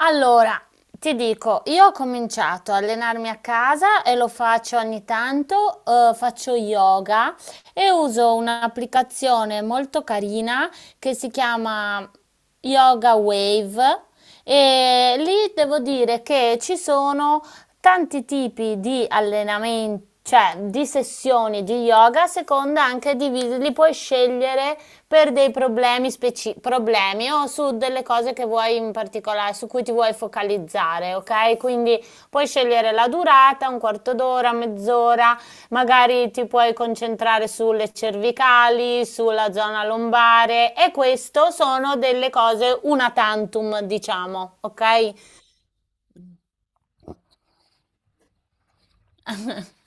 Allora, ti dico, io ho cominciato a allenarmi a casa e lo faccio ogni tanto, faccio yoga e uso un'applicazione molto carina che si chiama Yoga Wave e lì devo dire che ci sono tanti tipi di allenamenti, cioè di sessioni di yoga, a seconda anche di, li puoi scegliere per dei problemi problemi o su delle cose che vuoi in particolare, su cui ti vuoi focalizzare, ok? Quindi puoi scegliere la durata, un quarto d'ora, mezz'ora, magari ti puoi concentrare sulle cervicali, sulla zona lombare e questo sono delle cose una tantum, diciamo, ok?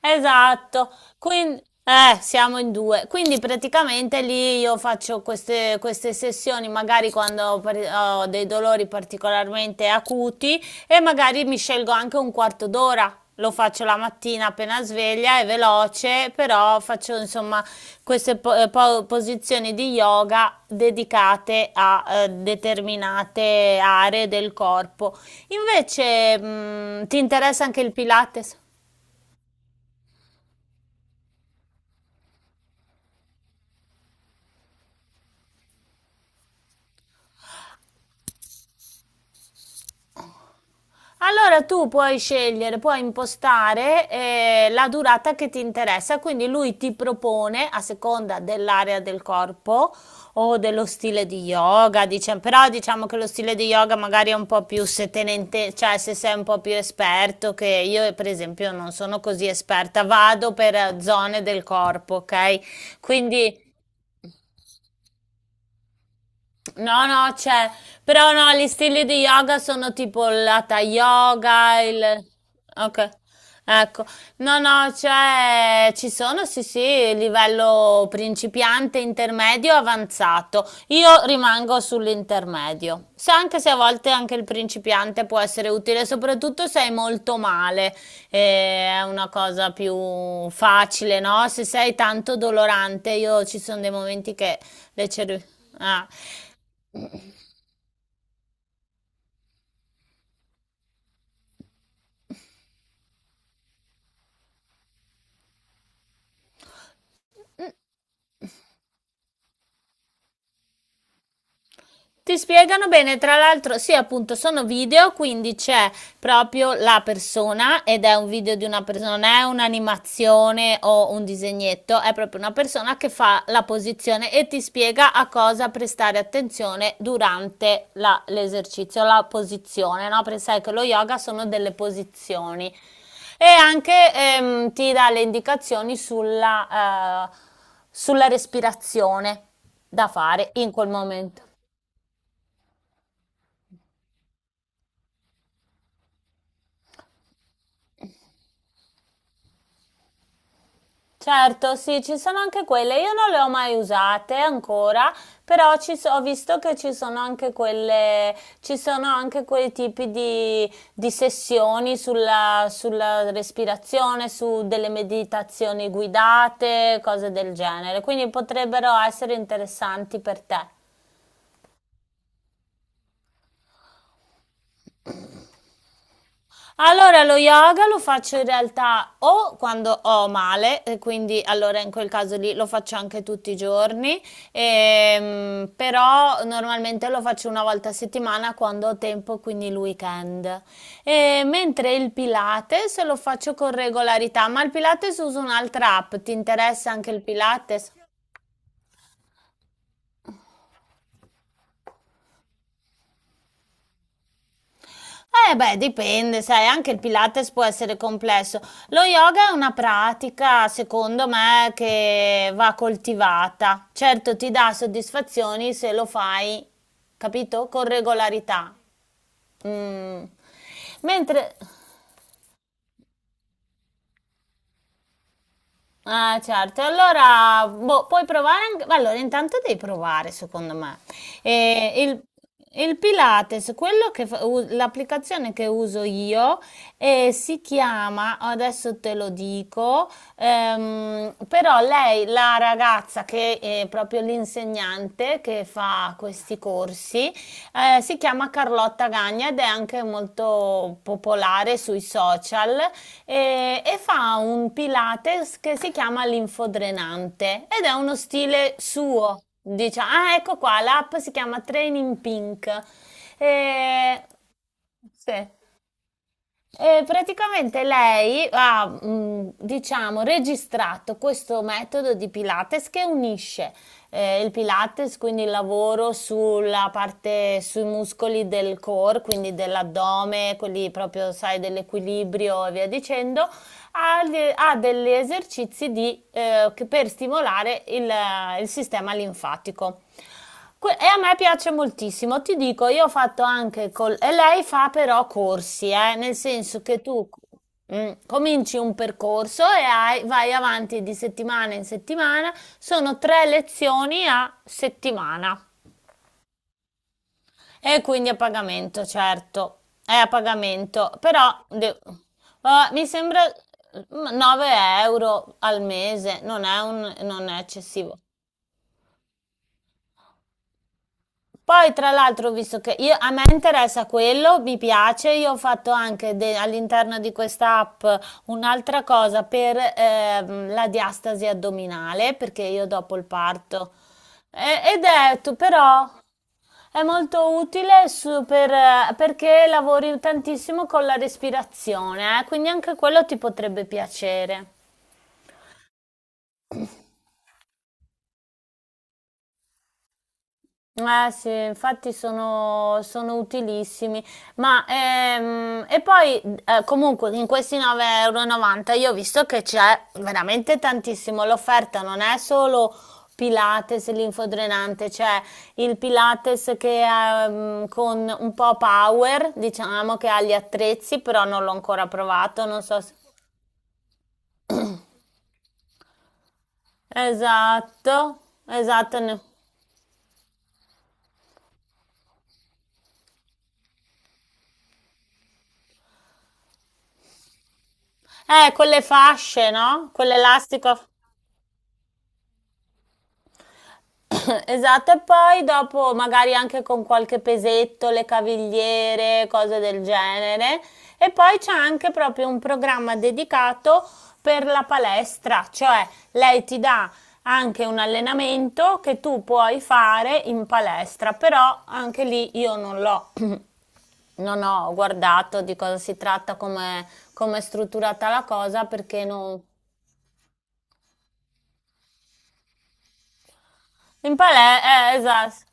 Esatto, quindi siamo in due. Quindi praticamente lì io faccio queste sessioni, magari quando ho dei dolori particolarmente acuti e magari mi scelgo anche un quarto d'ora. Lo faccio la mattina appena sveglia, è veloce, però faccio insomma queste posizioni di yoga dedicate a determinate aree del corpo. Invece, ti interessa anche il Pilates? Allora tu puoi scegliere, puoi impostare la durata che ti interessa, quindi lui ti propone a seconda dell'area del corpo o dello stile di yoga, diciamo, però diciamo che lo stile di yoga magari è un po' più se te ne cioè se sei un po' più esperto, che io per esempio non sono così esperta, vado per zone del corpo, ok? Quindi. No, no, c'è, però no, gli stili di yoga sono tipo l'hatha yoga, il... Ok, ecco. No, no, c'è, ci sono, sì, sì, livello principiante, intermedio, avanzato. Io rimango sull'intermedio. Se Anche se a volte anche il principiante può essere utile, soprattutto se hai molto male, è una cosa più facile, no? Se sei tanto dolorante, io ci sono dei momenti che le cervi... Ah. Ti spiegano bene, tra l'altro, sì, appunto, sono video, quindi c'è proprio la persona ed è un video di una persona, non è un'animazione o un disegnetto, è proprio una persona che fa la posizione e ti spiega a cosa prestare attenzione durante l'esercizio, la posizione, no? Perché sai che lo yoga sono delle posizioni e anche ti dà le indicazioni sulla sulla respirazione da fare in quel momento. Certo, sì, ci sono anche quelle. Io non le ho mai usate ancora, però ho visto che ci sono anche quelle, ci sono anche quei tipi di sessioni sulla respirazione, su delle meditazioni guidate, cose del genere. Quindi potrebbero essere interessanti per te. Allora, lo yoga lo faccio in realtà o quando ho male, e quindi allora in quel caso lì lo faccio anche tutti i giorni, però normalmente lo faccio una volta a settimana quando ho tempo, quindi il weekend. E mentre il Pilates lo faccio con regolarità, ma il Pilates uso un'altra app, ti interessa anche il Pilates? Eh beh, dipende, sai, anche il Pilates può essere complesso. Lo yoga è una pratica, secondo me, che va coltivata. Certo, ti dà soddisfazioni se lo fai, capito? Con regolarità. Mm. Mentre. Ah, certo. Allora, boh, puoi provare anche... Allora, intanto devi provare, secondo me. Eh, il, il Pilates, quello che fa- u- l'applicazione che uso io si chiama, adesso te lo dico, però lei, la ragazza che è proprio l'insegnante, che fa questi corsi, si chiama Carlotta Gagna ed è anche molto popolare sui social e, fa un Pilates che si chiama l'infodrenante ed è uno stile suo. Diciamo, ah, ecco qua, l'app si chiama Training Pink. Eh, sì. Praticamente lei ha, diciamo, registrato questo metodo di Pilates che unisce il Pilates, quindi il lavoro sulla parte, sui muscoli del core, quindi dell'addome, quelli proprio, sai, dell'equilibrio e via dicendo, ha degli esercizi per stimolare il sistema linfatico. E a me piace moltissimo, ti dico, io ho fatto anche col... E lei fa però corsi, nel senso che tu cominci un percorso e vai avanti di settimana in settimana, sono tre lezioni a settimana. E quindi a pagamento, certo, è a pagamento, però mi sembra 9 euro al mese, non è eccessivo. Poi, tra l'altro, ho visto che a me interessa quello, mi piace, io ho fatto anche all'interno di questa app un'altra cosa per la diastasi addominale, perché io dopo il parto. Ed è, tu, però, è molto utile perché lavori tantissimo con la respirazione, quindi anche quello ti potrebbe piacere. Eh sì, infatti sono utilissimi, ma e poi comunque in questi 9,90 euro e novanta io ho visto che c'è veramente tantissimo, l'offerta non è solo Pilates linfodrenante, c'è il Pilates che è con un po' power, diciamo che ha gli attrezzi, però non l'ho ancora provato, non so se... Esatto, esatto, con le fasce, no? Con l'elastico. Esatto, e poi dopo magari anche con qualche pesetto, le cavigliere, cose del genere. E poi c'è anche proprio un programma dedicato per la palestra, cioè lei ti dà anche un allenamento che tu puoi fare in palestra, però anche lì io non l'ho, non ho guardato di cosa si tratta, come è strutturata la cosa, perché non... In palestra, esatto,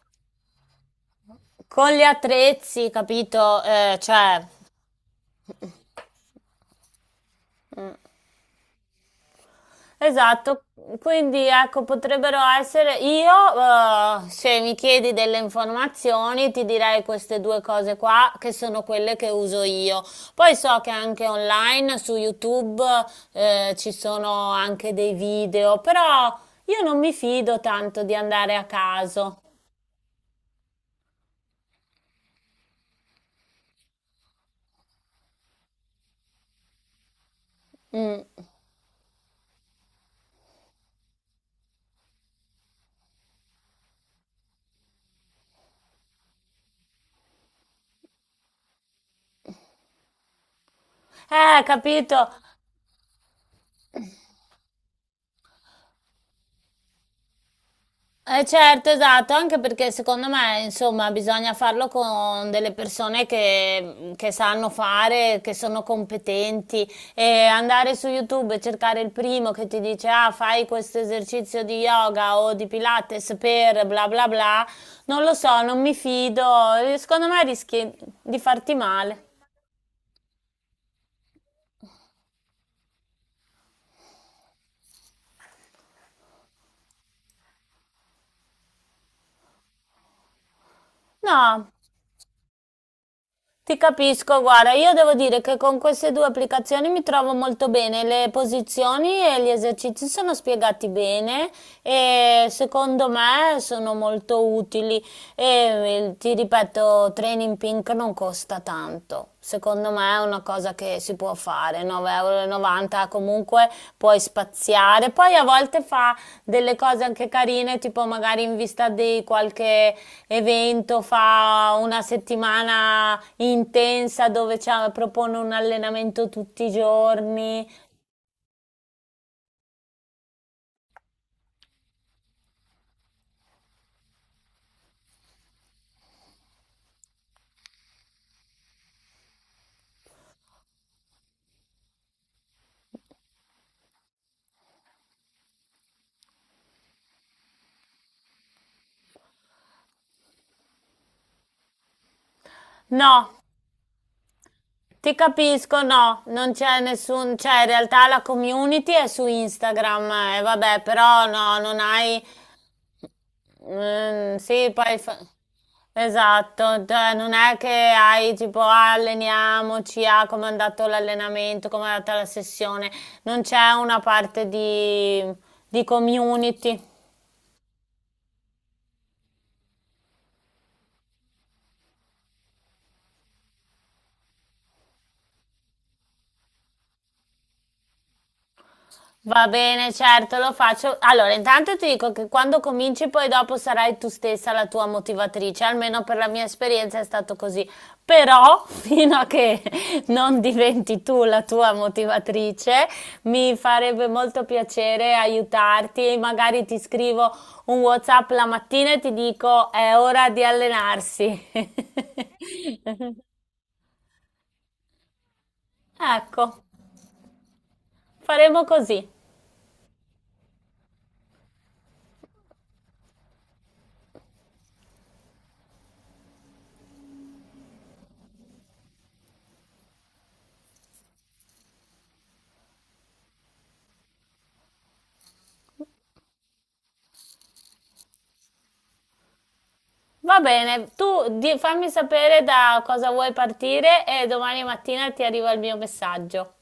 con gli attrezzi, capito? Cioè... Esatto, quindi ecco, potrebbero essere io, se mi chiedi delle informazioni, ti direi queste due cose qua che sono quelle che uso io. Poi so che anche online su YouTube ci sono anche dei video, però io non mi fido tanto di andare a caso. Mm. Capito? Eh certo, esatto, anche perché secondo me, insomma, bisogna farlo con delle persone che sanno fare, che sono competenti e andare su YouTube e cercare il primo che ti dice ah, fai questo esercizio di yoga o di Pilates per bla bla bla, non lo so, non mi fido, secondo me rischi di farti male. No, ti capisco, guarda, io devo dire che con queste due applicazioni mi trovo molto bene, le posizioni e gli esercizi sono spiegati bene e secondo me sono molto utili e ti ripeto, Training Pink non costa tanto. Secondo me è una cosa che si può fare, 9,90 euro comunque puoi spaziare, poi a volte fa delle cose anche carine, tipo magari in vista di qualche evento fa una settimana intensa dove propone un allenamento tutti i giorni. No, ti capisco, no, non c'è nessun, cioè in realtà la community è su Instagram, vabbè, però no, non hai, Mm, sì, esatto, cioè non è che hai tipo "Ah, alleniamoci, ah, come è andato l'allenamento, come è andata la sessione, non c'è una parte di, community." Va bene, certo, lo faccio. Allora, intanto ti dico che quando cominci poi dopo sarai tu stessa la tua motivatrice, almeno per la mia esperienza è stato così. Però, fino a che non diventi tu la tua motivatrice, mi farebbe molto piacere aiutarti. Magari ti scrivo un WhatsApp la mattina e ti dico è ora di allenarsi. Ecco, faremo così. Va bene, fammi sapere da cosa vuoi partire e domani mattina ti arriva il mio messaggio.